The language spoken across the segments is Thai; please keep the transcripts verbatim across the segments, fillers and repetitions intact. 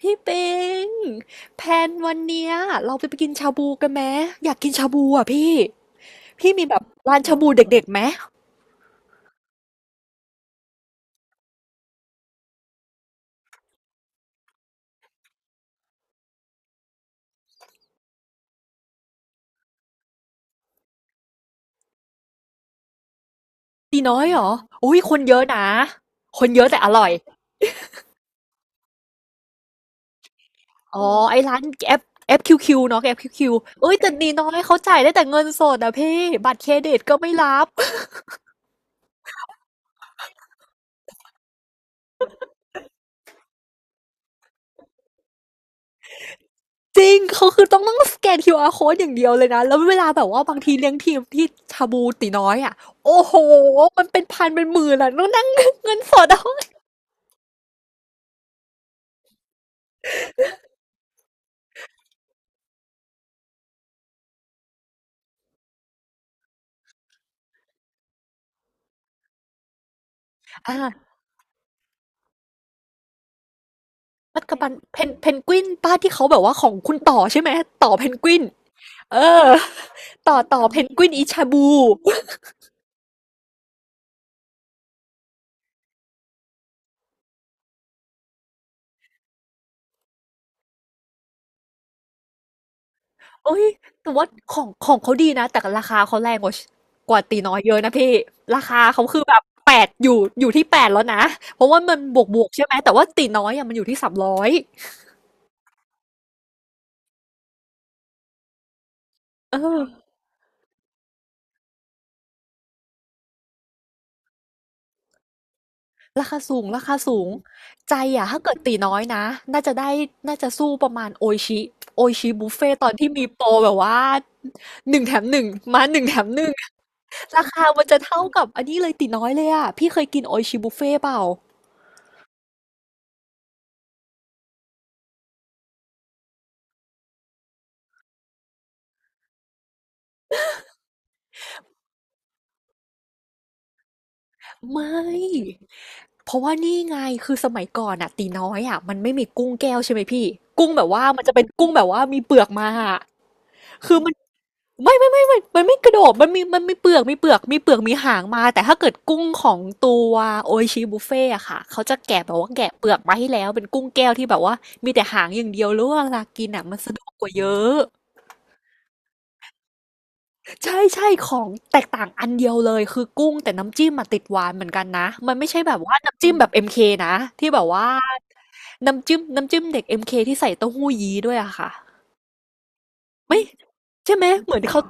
พี่ปิงแพลนวันเนี้ยเราไปไปกินชาบูกันไหมอยากกินชาบูอ่ะพี่พี่มีแบบร้านชาบูเด็กๆไหมตีน้อยเหรออุ้ยคนเยอะนะคนเยอะแต่อร่อยอ๋อไอ้ร้าน F เอฟคิวคิวเนาะ เอฟ คิว คิว เอ้ยแต่ตีน้อยเขาจ่ายได้แต่เงินสดอ่ะพี่บัตรเครดิตก็ไม่รับ จริงเขาคือต้องต้องสแกน คิว อาร์ code อย่างเดียวเลยนะแล้วเวลาแบบว่าบางทีเลี้ยงทีมที่ชาบูตีน้อยอ่ะโอ้โหมันเป็นพันเป็นหมื่นอ่ะต้องนั่ง เงินสดเอา อ่ะ มัจจุบันเพนเพนกวินป้าที่เขาแบบว่าของคุณต่อใช่ไหมต่อเพนกวินเออ ต่อต่อเพนกวินอิชาบูโอ้ยแต่ว่าของของเขาดีนะแต่ราคาเขาแรงกว่ากว่าตีน้อยเยอะนะพี่ราคาเขาคือแบบแปดอยู่อยู่ที่แปดแล้วนะเพราะว่ามันบวกบวกใช่ไหมแต่ว่าตีน้อยอะมันอยู่ที่สามร้อยเออ ราคาสูงราคาสูงใจอะถ้าเกิดตีน้อยนะน่าจะได้น่าจะสู้ประมาณโอชิโอชิบุฟเฟ่ตอนที่มีโปรแบบว่าหนึ่งแถมหนึ่งมาหนึ่งแถมหนึ่งราคามันจะเท่ากับอันนี้เลยตีน้อยเลยอะพี่เคยกินโอชิบุฟเฟ่เปล่าไม่เพราะว่านี่ไงคือสมัยก่อนอะตีน้อยอะมันไม่มีกุ้งแก้วใช่ไหมพี่กุ้งแบบว่ามันจะเป็นกุ้งแบบว่ามีเปลือกมาอะคือมัน ไม่ไม่ไม่ไม่มันไม่กระโดดมันมีมันมีเปลือกมีเปลือกมีเปลือกมีหางมาแต่ถ้าเกิดกุ้งของตัวโออิชิบุฟเฟ่อะค่ะเขาจะแกะแบบว่าแกะเปลือกมาให้แล้วเป็นกุ้งแก้วที่แบบว่ามีแต่หางอย่างเดียวแล้วเวลากินอะมันสะดวกกว่าเยอะใช่ใช่ของแตกต่างอันเดียวเลยคือกุ้งแต่น้ำจิ้มมาติดหวานเหมือนกันนะมันไม่ใช่แบบว่าน้ำจิ้มแบบ m คนะที่แบบว่าน้ำจิ้มน้ำจิ้มเด็กเอ็มเคที่ใส่เต้าหู้ยี้ด้วยอะค่ะ ไม่ใช่ไหมเหมือนเขา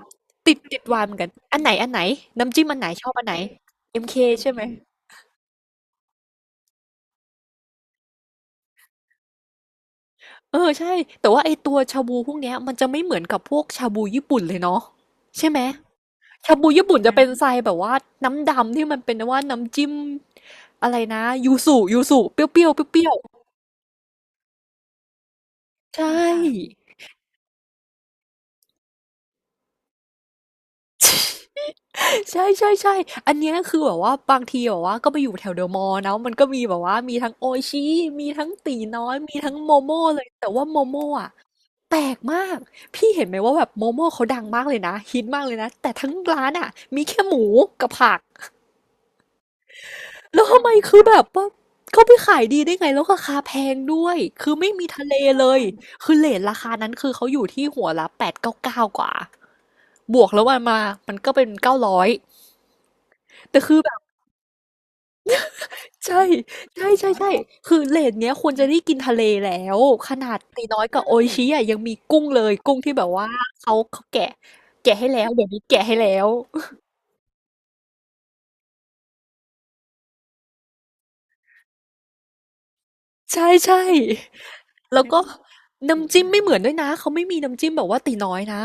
ติดติดวารเหมือนกันอันไหนอันไหนน้ำจิ้มอันไหนชอบอันไหนเอ็มเคใช่ไหมเออใช่แต่ว่าไอตัวชาบูพวกเนี้ยมันจะไม่เหมือนกับพวกชาบูญี่ปุ่นเลยเนาะใช่ไหมชาบูญี่ปุ่นจะเป็นทรายแบบว่าน้ำดำที่มันเป็นว่าน้ำจิ้มอะไรนะยูสุยูสุเปรี้ยวเปรี้ยวเปรี้ยวๆใช่ ใช่ใช่ใช่อันเนี้ยคือแบบว่าบางทีแบบว่าก็ไปอยู่แถวเดอะมอลล์นะมันก็มีแบบว่ามีทั้งโออิชิมีทั้งตีน้อยมีทั้งโมโม่เลย แต่ว่าโมโม่อะแปลกมาก พี่เห็นไหมว่าแบบโมโม่เขาดังมากเลยนะฮิตมากเลยนะแต่ทั้งร้านอะมีแค่หมูกับผักแล้วทำไมคือแบบว่าเขาไปขายดีได้ไงแล้วราคาแพงด้วยคือไม่มีทะเลเลยคือเรตราคานั้นคือเขาอยู่ที่หัวละแปดร้อยเก้าสิบเก้ากาเก้ากว่า บวกแล้วมันมามันก็เป็นเก้าร้อยแต่คือแบบ ใช่ใช่ใช่ใช่คือเรตเนี้ยควรจะได้กินทะเลแล้วขนาดตีน้อยกับโออิชิอะยังมีกุ้งเลยกุ้งที่แบบว่าเขาเขาแกะแกะให้แล้วเดี๋ยวนี้แกะให้แล้วใช่ใช่แล้วก็น้ำจิ้มไม่เหมือนด้วยนะเขาไม่มีน้ำจิ้มแบบว่าตีน้อยนะ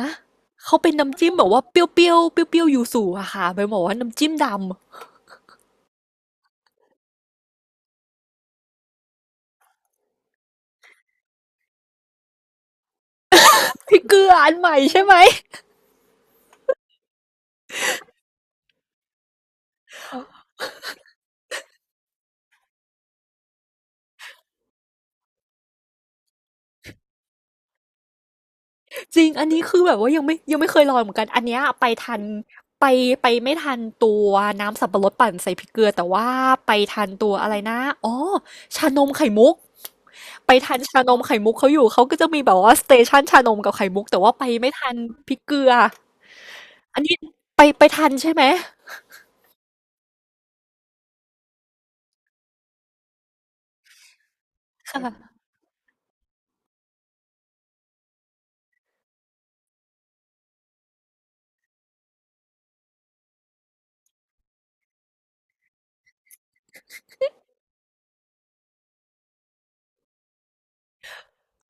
เขาเป็นน้ำจิ้มแบบว่าเปรี้ยวๆเปรี้ยวๆยูสุอะค่ะไปบอกว่าน้ำจิ้มดำ พริกเกลืออันใหม่ใช่ไหม จริงอันนี้คือแบบว่ายังไม่ยังไม่เคยลองเหมือนกันอันเนี้ยไปทันไปไปไม่ทันตัวน้ำสับปะรดปั่นใส่พริกเกลือแต่ว่าไปทันตัวอะไรนะอ๋อชานมไข่มุกไปทันชานมไข่มุกเขาอยู่เขาก็จะมีแบบว่าสเตชันชานมกับไข่มุกแต่ว่าไปไม่ทันพริกเกลืออันนี้ไปไปทันใช่ไหมค่ะ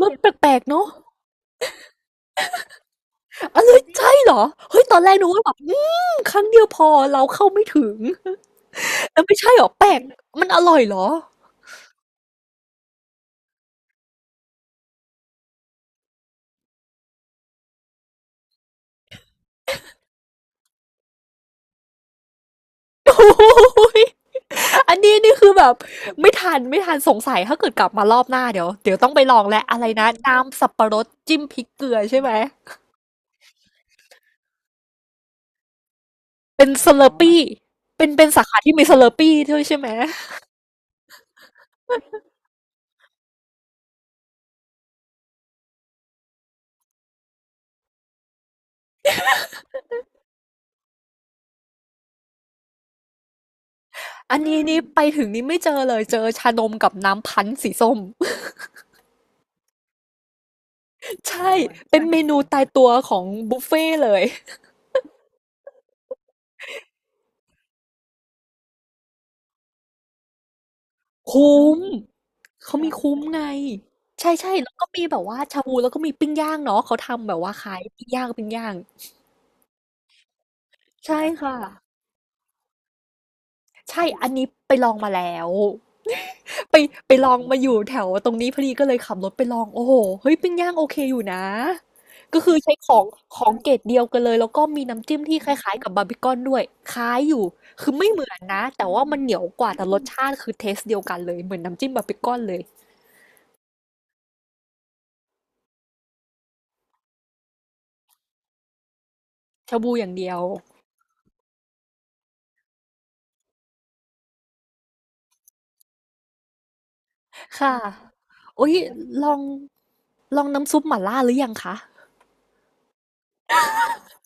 รสแปลกๆเนาะอะไรใช่เหรอเฮ้ยตอนแรกนึกว่าแบบอืมครั้งเดียวพอเราเข้าไม่ถึงแต่ไม่ใช่เหรอแปลกมันอร่อยเหรอ โอ้ยอันนี้นี่คือแบบไม่ทันไม่ทันสงสัยถ้าเกิดกลับมารอบหน้าเดี๋ยวเดี๋ยวต้องไปลองแหละอะไรนะน้ำสับปะรดจิ้มพริกเกลือใช่ไหมเป็นสเลอร์ปี้เป็นเป็นสาขาที่มีสเลอร์ปี้ด้วยใช่ไหมอันนี้นี่ไปถึงนี่ไม่เจอเลยเจอชานมกับน้ำพันธุ์สีส้ม ใช่เป็นเมนูตายตัวของบุฟเฟ่ต์เลยคุ้มเขามีคุ้มไงใช่ใช่แล้วก็มีแบบว่าชาบูแล้วก็มีปิ้งย่างเนาะเขาทำแบบว่าขายปิ้งย่างปิ้งย่างใช่ค่ะ ใช่อันนี้ไปลองมาแล้ว ไปไปลองมาอยู่แถวตรงนี้พอดีก็เลยขับรถไปลองโอ้โฮเฮ้ยปิ้งย่างโอเคอยู่นะ ก็คือใช้ของของเกรดเดียวกันเลย แล้วก็มีน้ำจิ้มที่คล้ายๆกับบาร์บีคอนด้วยคล้ายอยู่คือไม่เหมือนนะแต่ว่ามันเหนียวกว่าแต่รสชาติคือเทสต์เดียวกันเลยเหมือนน้ำจิ้มบาร์บีคอนเลยชาบูอย่างเดียวค่ะอุ๊ยลองลองน้ำซุปหม่าล่าหรือยังคะ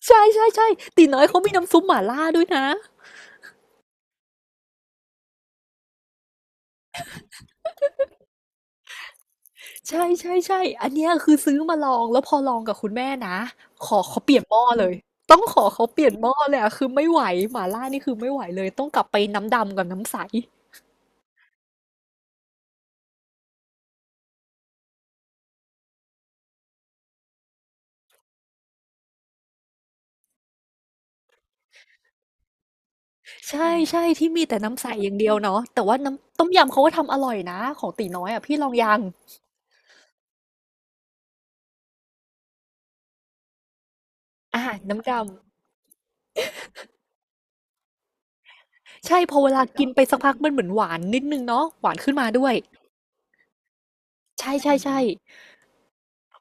ใช่ๆๆตี๋น้อยเขามีน้ำซุปหม่าล่าด้วยนะ ใช่ๆ่ใช่อันเนี้ยคือซื้อมาลองแล้วพอลองกับคุณแม่นะขอเขาเปลี่ยนหม้อเลยต้องขอเขาเปลี่ยนหม้อเลยอะคือไม่ไหวหม่าล่านี่คือไม่ไหวเลยต้องกลับไปน้ำดำกับน้ำใสใช่ใช่ที่มีแต่น้ำใสอย่างเดียวเนาะแต่ว่าน้ำต้มยำเขาก็ทำอร่อยนะของตีน้อยอะพี่ลองยังอาน้ำดำใช่พอเวลากินไปสักพักมันเหมือนหวานนิดหนึ่งเนาะหวานขึ้นมาด้วยใช่ใช่ใช่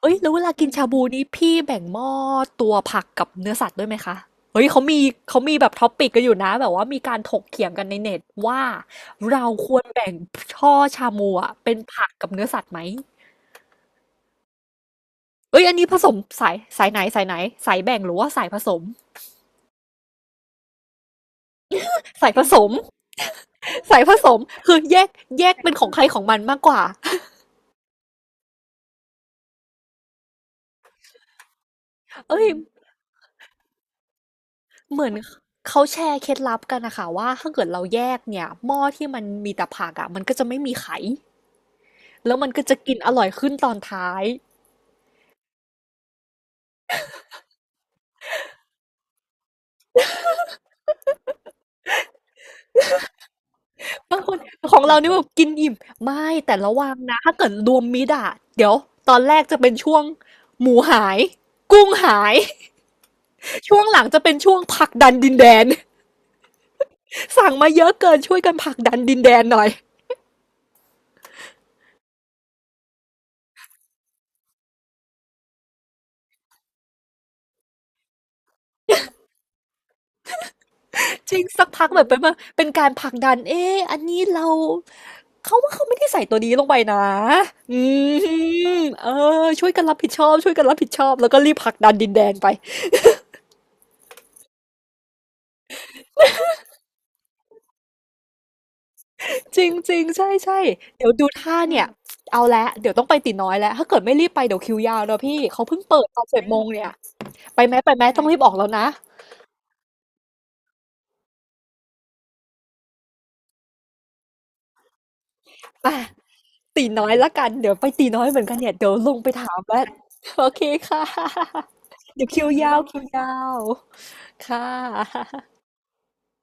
เอ้ยแล้วเวลากินชาบูนี้พี่แบ่งหม้อตัวผักกับเนื้อสัตว์ด้วยไหมคะเฮ้ยเขามีเขามีแบบท็อปปิกกันอยู่นะแบบว่ามีการถกเถียงกันในเน็ตว่าเราควรแบ่งช่อชามูอะเป็นผักกับเนื้อสัตว์ไหมเอ้ยอันนี้ผสมสายสายไหนสายไหนสายแบ่งหรือว่าสายผสมสายผสม สายผสมคือแยกแยกเป็นของใครของมันมากกว่า เอ้ยเหมือนเขาแชร์เคล็ดลับกันนะคะว่าถ้าเกิดเราแยกเนี่ยหม้อที่มันมีแต่ผักอ่ะมันก็จะไม่มีไข แล้วมันก็จะกินอร่อยขึ้นตอนท้าย บางคนของเรานี่แบบกินอิ่ม ไม่แต่ระวังนะถ้าเกิดรวมมิตรอะเดี๋ยวตอนแรกจะเป็นช่วงหมูหายกุ้งหาย ช่วงหลังจะเป็นช่วงผลักดันดินแดน สั่งมาเยอะเกินช่วยกันผลักดันดินแดนหน่อยจริงสักพักแบบเป็นว่าเป็นการผลักดันเอ๊ะอันนี้เราเขาว่าเขาไม่ได้ใส่ตัวนี้ลงไปนะอืมเออช่วยกันรับผิดชอบช่วยกันรับผิดชอบแล้วก็รีบผลักดันดินแดนไป จริงจริงใช่ใช่เดี๋ยวดูท่าอืเนี่ยมเอาละเดี๋ยวต้องไปตีน้อยแล้วถ้าเกิดไม่รีบไปเดี๋ยวคิวยาวเนอะพี่เขาเพิ่งเปิดตอนเจ็ดโมงเนี่ยไปไหมไปไหมใช่ต้องรีบออกแล้วนะไปตีน้อยละกันเดี๋ยวไปตีน้อยเหมือนกันเนี่ยเดี๋ยวลงไปถามแล้วโอเคค่ะเดี๋ยวคิวยาวคิวยาวค่ะ